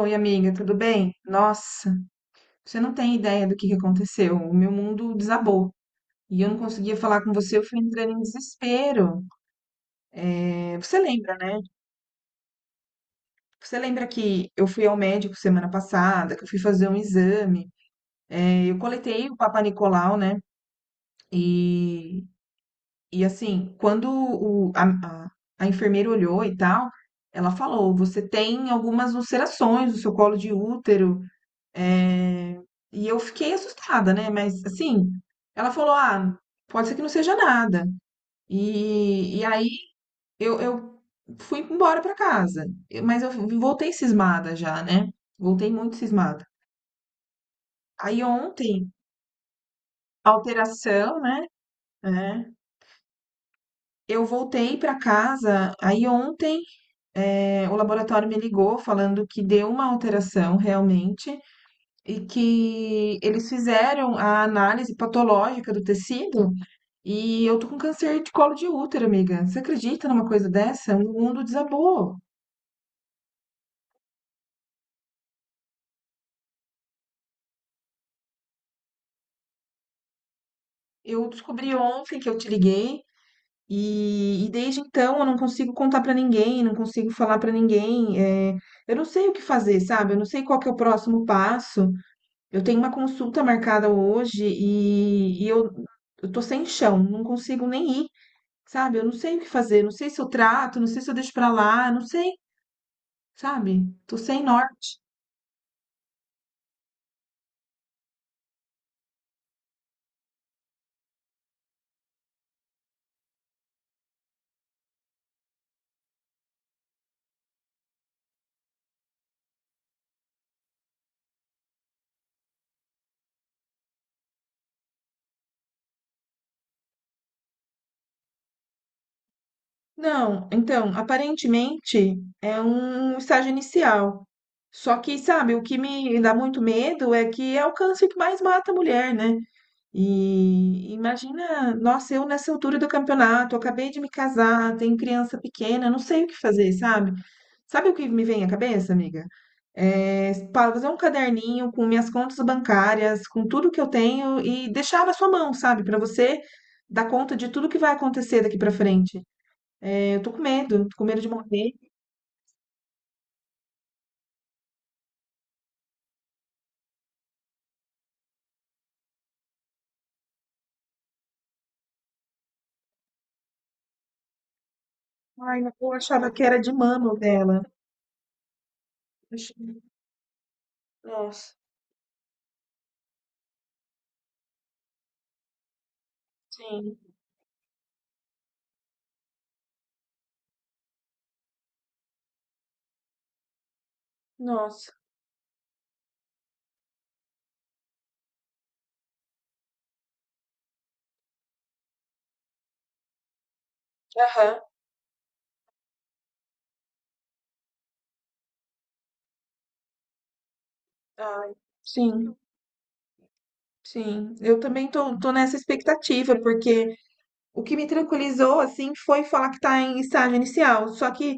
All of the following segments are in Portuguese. Oi, amiga, tudo bem? Nossa, você não tem ideia do que aconteceu. O meu mundo desabou e eu não conseguia falar com você, eu fui entrando em desespero. É, você lembra, né? Você lembra que eu fui ao médico semana passada, que eu fui fazer um exame. É, eu coletei o Papa Nicolau, né? E, e assim, quando a enfermeira olhou e tal, ela falou: você tem algumas ulcerações no seu colo de útero. É, e eu fiquei assustada, né? Mas assim, ela falou: ah, pode ser que não seja nada. E aí eu fui embora pra casa. Mas eu voltei cismada já, né? Voltei muito cismada. Aí ontem, alteração, né? É. Eu voltei pra casa. Aí ontem, é, o laboratório me ligou falando que deu uma alteração realmente e que eles fizeram a análise patológica do tecido. E eu tô com câncer de colo de útero, amiga. Você acredita numa coisa dessa? O mundo desabou. Eu descobri ontem, que eu te liguei e desde então eu não consigo contar pra ninguém, não consigo falar pra ninguém. É, eu não sei o que fazer, sabe? Eu não sei qual que é o próximo passo. Eu tenho uma consulta marcada hoje e eu tô sem chão, não consigo nem ir, sabe? Eu não sei o que fazer, não sei se eu trato, não sei se eu deixo pra lá, não sei, sabe? Tô sem norte. Não, então, aparentemente é um estágio inicial. Só que, sabe, o que me dá muito medo é que é o câncer que mais mata a mulher, né? E imagina, nossa, eu nessa altura do campeonato, acabei de me casar, tenho criança pequena, não sei o que fazer, sabe? Sabe o que me vem à cabeça, amiga? É, fazer um caderninho com minhas contas bancárias, com tudo que eu tenho e deixar na sua mão, sabe? Para você dar conta de tudo que vai acontecer daqui para frente. Eu tô com medo de morrer. Ai, mas eu achava que era de mama o dela. Nossa, sim. Nossa. Aham. Ai, sim, sim. Eu também tô, tô nessa expectativa, porque o que me tranquilizou, assim, foi falar que tá em estágio inicial. Só que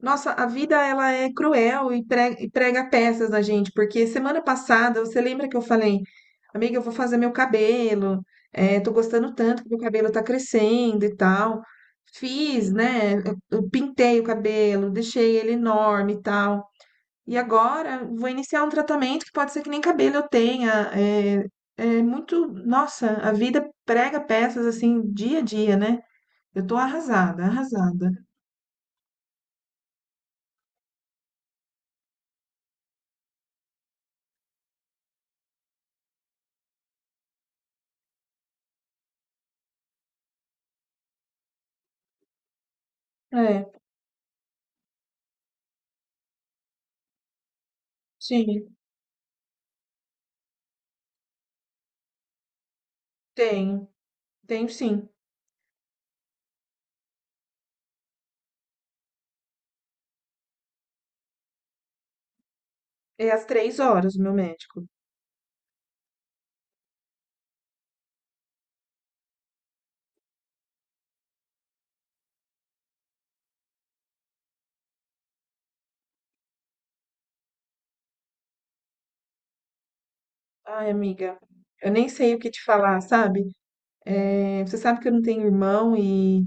nossa, a vida ela é cruel e prega peças na gente, porque semana passada, você lembra que eu falei, amiga, eu vou fazer meu cabelo, é, tô gostando tanto que meu cabelo tá crescendo e tal. Fiz, né? Eu pintei o cabelo, deixei ele enorme e tal. E agora vou iniciar um tratamento que pode ser que nem cabelo eu tenha. É, é muito, nossa, a vida prega peças assim dia a dia, né? Eu tô arrasada, arrasada. É, sim, tenho. Tenho sim. É às 3 horas o meu médico. Ai, amiga, eu nem sei o que te falar, sabe? É, você sabe que eu não tenho irmão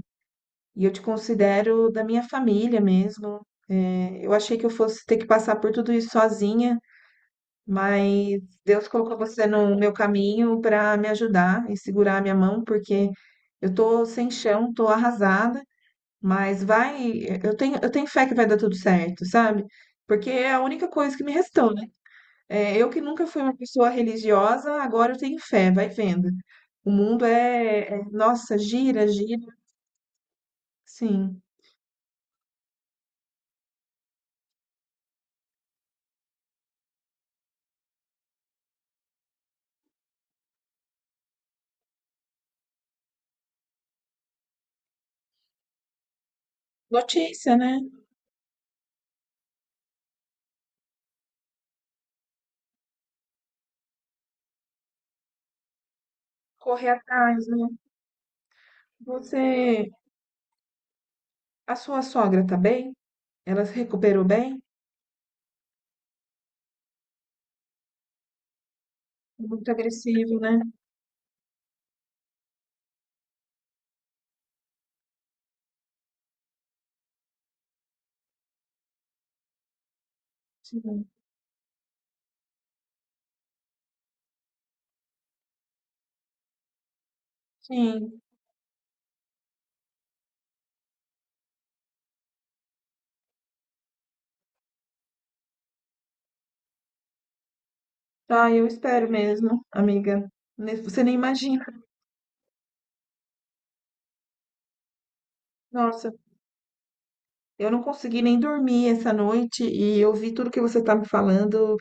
e eu te considero da minha família mesmo. É, eu achei que eu fosse ter que passar por tudo isso sozinha, mas Deus colocou você no meu caminho para me ajudar e segurar a minha mão, porque eu tô sem chão, tô arrasada, mas vai, eu tenho fé que vai dar tudo certo, sabe? Porque é a única coisa que me restou, né? É, eu que nunca fui uma pessoa religiosa, agora eu tenho fé, vai vendo. O mundo nossa, gira, gira. Sim. Notícia, né? Correr atrás, né? Você, a sua sogra tá bem? Ela se recuperou bem? Muito agressivo, né? Sim. Sim. Tá, eu espero mesmo, amiga. Você nem imagina. Nossa, eu não consegui nem dormir essa noite e eu vi tudo que você tá me falando.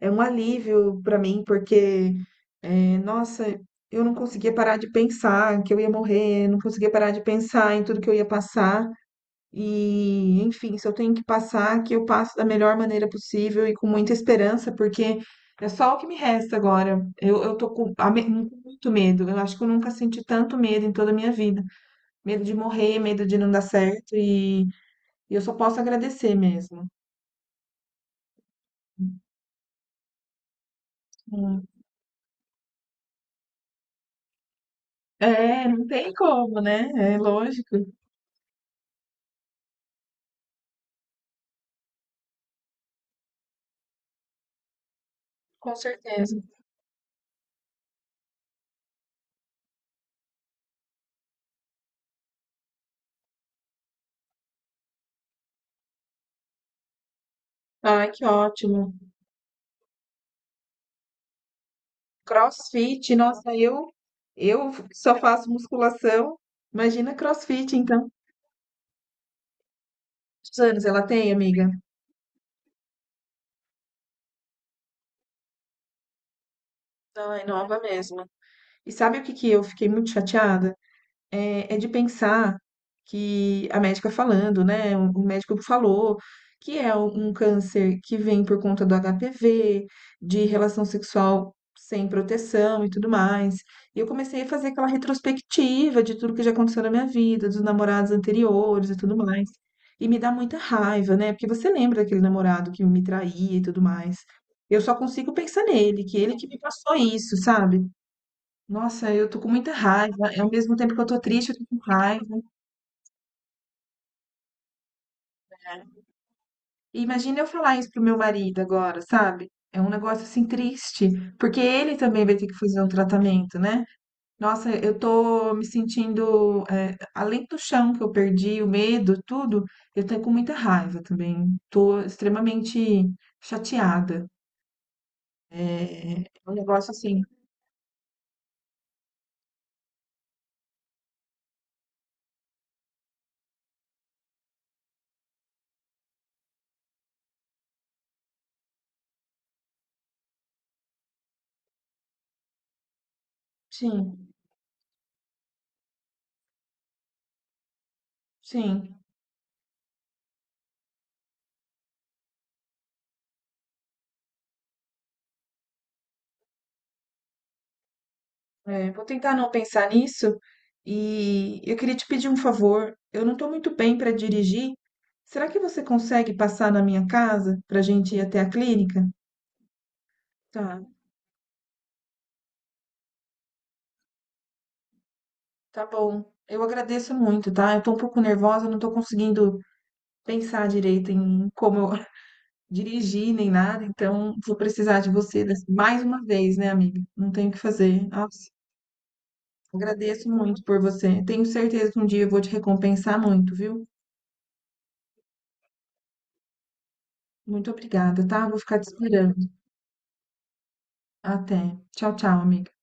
É um alívio para mim, porque, nossa, eu não conseguia parar de pensar que eu ia morrer, não conseguia parar de pensar em tudo que eu ia passar. E, enfim, se eu tenho que passar, que eu passo da melhor maneira possível e com muita esperança, porque é só o que me resta agora. Eu tô com, com muito medo. Eu acho que eu nunca senti tanto medo em toda a minha vida. Medo de morrer, medo de não dar certo, e eu só posso agradecer mesmo. Hum. É, não tem como, né? É lógico. Com certeza. Ai, que ótimo. CrossFit, nossa, eu só faço musculação. Imagina CrossFit, então. Quantos anos ela tem, amiga? Ai, nova mesmo. E sabe o que eu fiquei muito chateada? É, é de pensar que a médica falando, né? O médico falou que é um câncer que vem por conta do HPV, de relação sexual sem proteção e tudo mais. E eu comecei a fazer aquela retrospectiva de tudo que já aconteceu na minha vida, dos namorados anteriores e tudo mais. E me dá muita raiva, né? Porque você lembra daquele namorado que me traía e tudo mais. Eu só consigo pensar nele, que ele que me passou isso, sabe? Nossa, eu tô com muita raiva. Ao mesmo tempo que eu tô triste, eu tô com raiva. É. E imagina eu falar isso pro meu marido agora, sabe? É um negócio assim triste, porque ele também vai ter que fazer um tratamento, né? Nossa, eu tô me sentindo, é, além do chão que eu perdi, o medo, tudo, eu tô com muita raiva também. Tô extremamente chateada. É, é um negócio assim. Sim, sim. É, vou tentar não pensar nisso. E eu queria te pedir um favor. Eu não estou muito bem para dirigir. Será que você consegue passar na minha casa para a gente ir até a clínica? Tá, tá bom. Eu agradeço muito, tá? Eu tô um pouco nervosa, não estou conseguindo pensar direito em como eu dirigir nem nada, então vou precisar de você mais uma vez, né, amiga? Não tenho o que fazer. Nossa, agradeço muito por você. Tenho certeza que um dia eu vou te recompensar muito, viu? Muito obrigada, tá? Vou ficar te esperando. Até. Tchau, tchau, amiga.